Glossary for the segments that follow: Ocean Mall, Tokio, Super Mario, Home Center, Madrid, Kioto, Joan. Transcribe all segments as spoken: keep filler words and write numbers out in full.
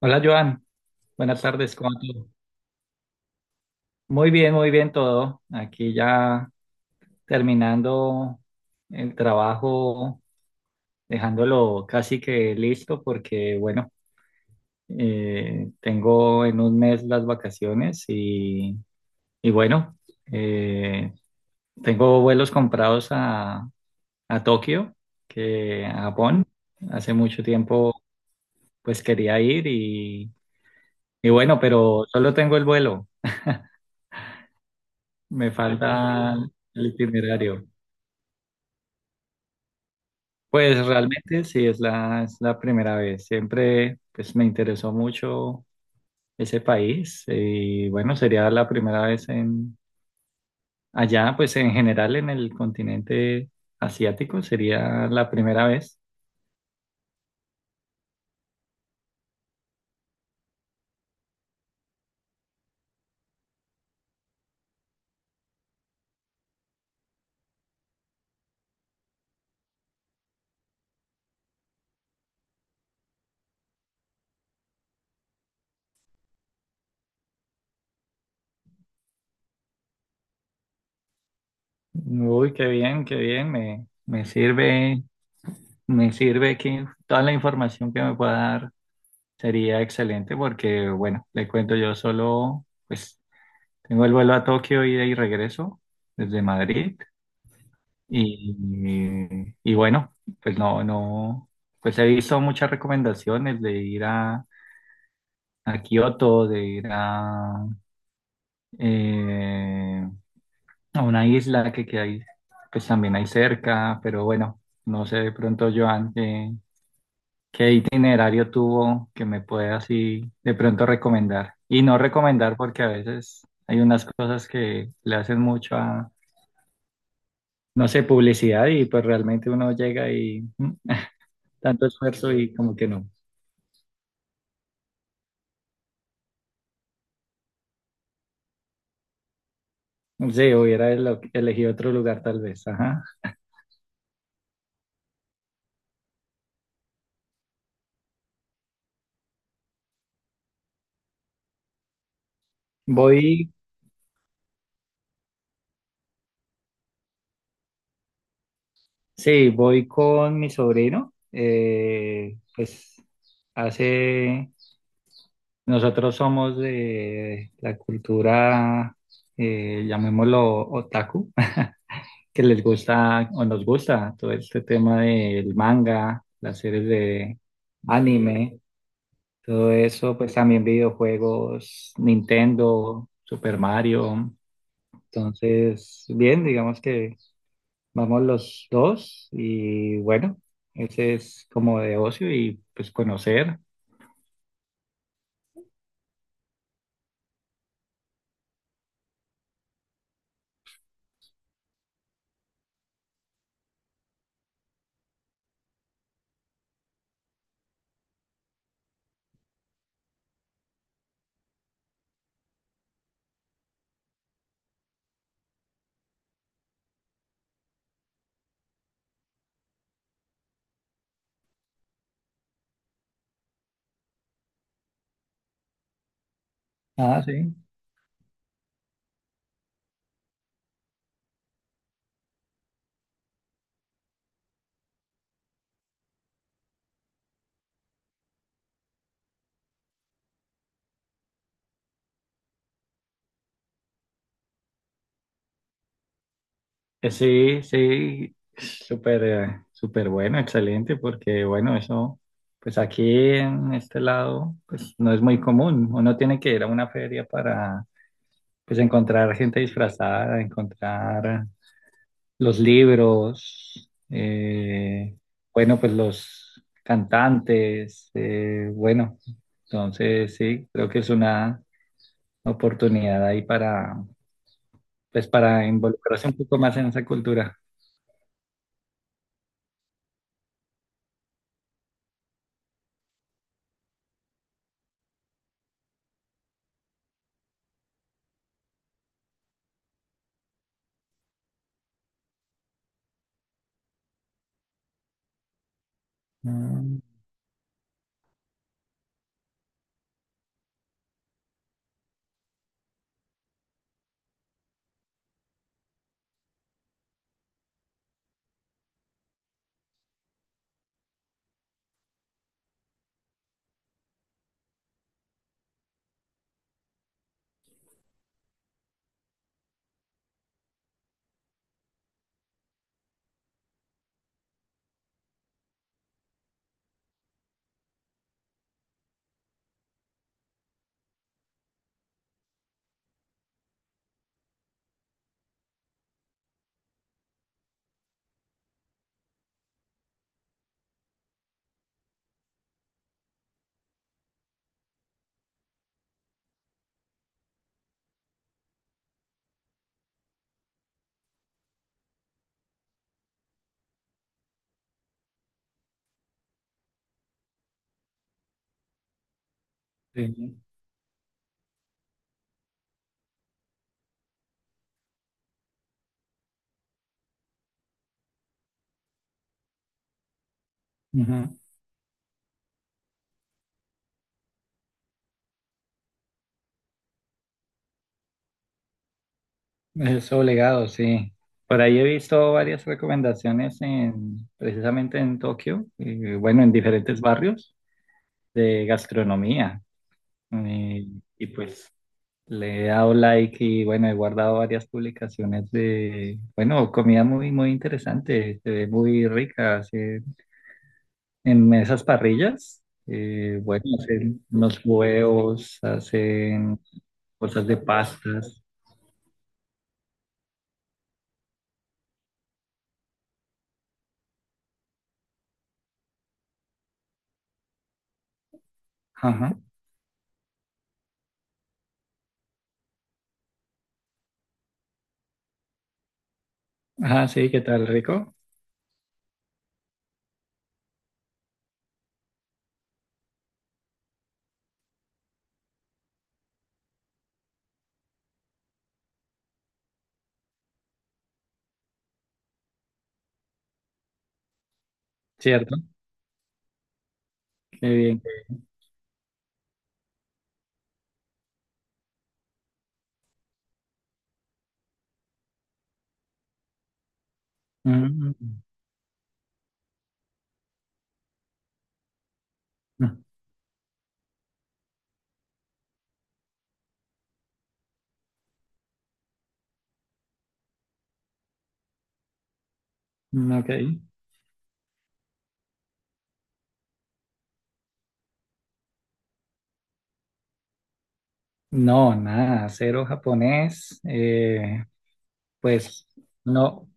Hola Joan, buenas tardes, ¿cómo va todo? Muy bien, muy bien todo. Aquí ya terminando el trabajo, dejándolo casi que listo porque, bueno, eh, tengo en un mes las vacaciones y, y bueno, eh, tengo vuelos comprados a, a Tokio, que a Japón. Hace mucho tiempo pues quería ir y, y bueno, pero solo tengo el vuelo. Me falta el itinerario. Pues realmente sí, es la, es la primera vez. Siempre pues, me interesó mucho ese país y bueno, sería la primera vez en allá, pues en general en el continente asiático, sería la primera vez. Uy, qué bien, qué bien, me, me sirve, me sirve que toda la información que me pueda dar sería excelente porque bueno, le cuento yo solo, pues tengo el vuelo a Tokio, ida y regreso desde Madrid. Y, y bueno, pues no, no, pues he visto muchas recomendaciones de ir a, a Kioto, de ir a, eh, a una isla que, que hay, pues también hay cerca, pero bueno, no sé de pronto, Joan, qué, qué itinerario tuvo que me pueda así de pronto recomendar. Y no recomendar porque a veces hay unas cosas que le hacen mucho a no sé, publicidad y pues realmente uno llega y mm, tanto esfuerzo y como que no. Sí, hubiera elo- elegido otro lugar tal vez. Ajá. Voy, sí, voy con mi sobrino. eh, pues hace, Nosotros somos de la cultura, eh, llamémoslo otaku, que les gusta o nos gusta todo este tema del manga, las series de anime. Todo eso, pues también videojuegos, Nintendo, Super Mario. Entonces, bien, digamos que vamos los dos y bueno, ese es como de ocio y pues conocer. Ah, sí. Eh, Sí, sí, súper, eh, súper bueno, excelente, porque bueno, eso, pues aquí en este lado, pues no es muy común. Uno tiene que ir a una feria para, pues encontrar gente disfrazada, encontrar los libros, eh, bueno, pues los cantantes, eh, bueno, entonces sí, creo que es una oportunidad ahí para, pues para involucrarse un poco más en esa cultura. Mm, sí. Ujú. Es obligado, sí. Por ahí he visto varias recomendaciones en, precisamente en Tokio, eh, bueno, en diferentes barrios de gastronomía. Eh, y pues Le he dado like y bueno, he guardado varias publicaciones de, bueno, comida muy, muy interesante, se ve muy rica, hacen en esas parrillas, eh, bueno, hacen unos huevos, hacen cosas de pastas. Ajá. Ah, sí, qué tal, rico, ¿cierto? Qué bien. Mm, mm, mm, ok. No, nada, cero japonés, eh, pues no,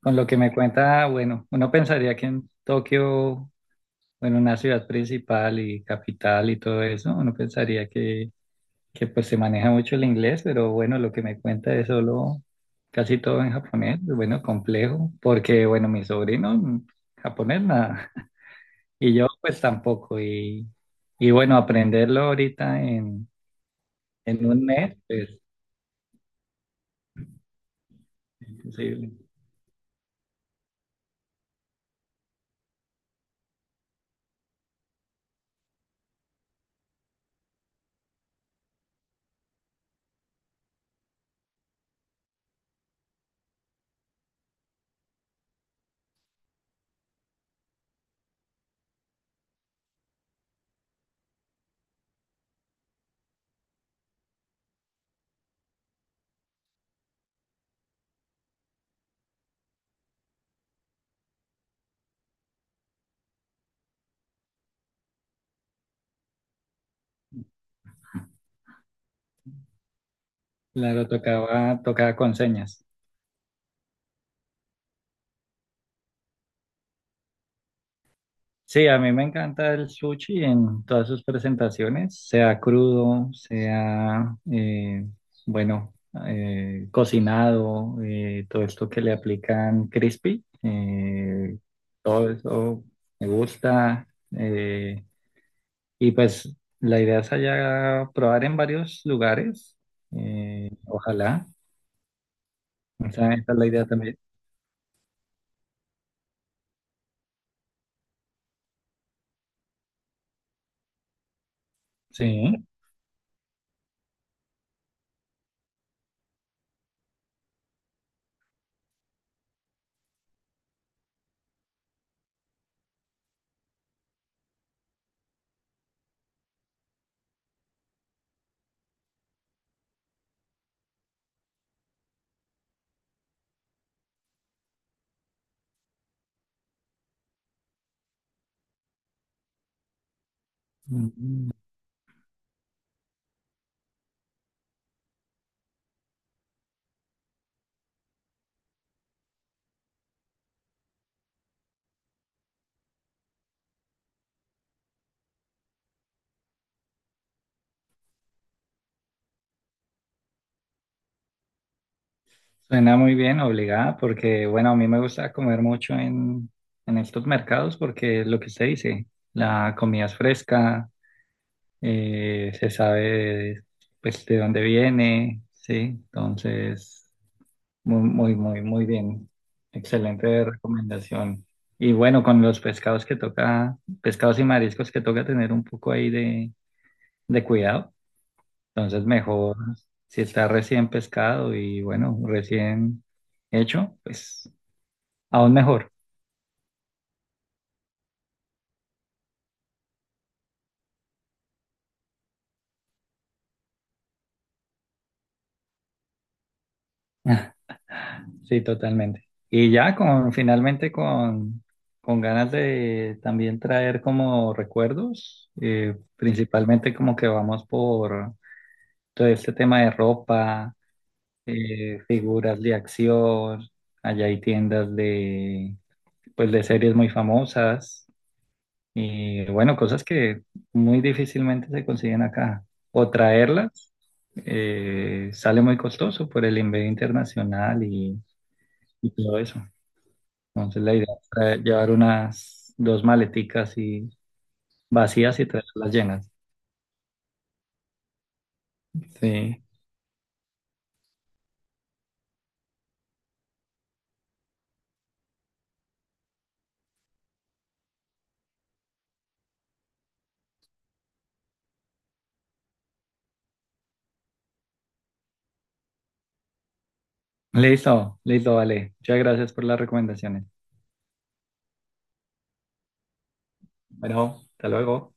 con lo que me cuenta, bueno, uno pensaría que en Tokio bueno, una ciudad principal y capital y todo eso, uno pensaría que, que pues se maneja mucho el inglés, pero bueno, lo que me cuenta es solo casi todo en japonés, bueno, complejo, porque bueno, mi sobrino mm, japonés nada, y yo pues tampoco, y, y bueno, aprenderlo ahorita en, en un mes, pues imposible. Claro, tocaba, tocaba con señas. Sí, a mí me encanta el sushi en todas sus presentaciones, sea crudo, sea, eh, bueno, eh, cocinado, eh, todo esto que le aplican crispy, eh, todo eso me gusta. eh, y pues la idea es allá probar en varios lugares, eh, ojalá, esa, esa es la idea también. Sí. Suena muy bien, obligada, porque bueno, a mí me gusta comer mucho en, en estos mercados porque lo que usted dice, la comida es fresca, eh, se sabe pues de dónde viene, sí, entonces muy, muy, muy, muy bien. Excelente recomendación. Y bueno, con los pescados que toca, pescados y mariscos que toca tener un poco ahí de, de cuidado, entonces mejor si está recién pescado y bueno, recién hecho, pues. Aún mejor. Sí, totalmente. Y ya con finalmente con, con ganas de también traer como recuerdos, eh, principalmente como que vamos por todo este tema de ropa, eh, figuras de acción, allá hay tiendas de pues de series muy famosas y bueno, cosas que muy difícilmente se consiguen acá. O traerlas eh, sale muy costoso por el envío internacional y y todo eso. Entonces la idea es traer- llevar unas dos maleticas y vacías y traerlas llenas. Sí. Listo, listo, vale. Muchas gracias por las recomendaciones. Bueno, hasta luego.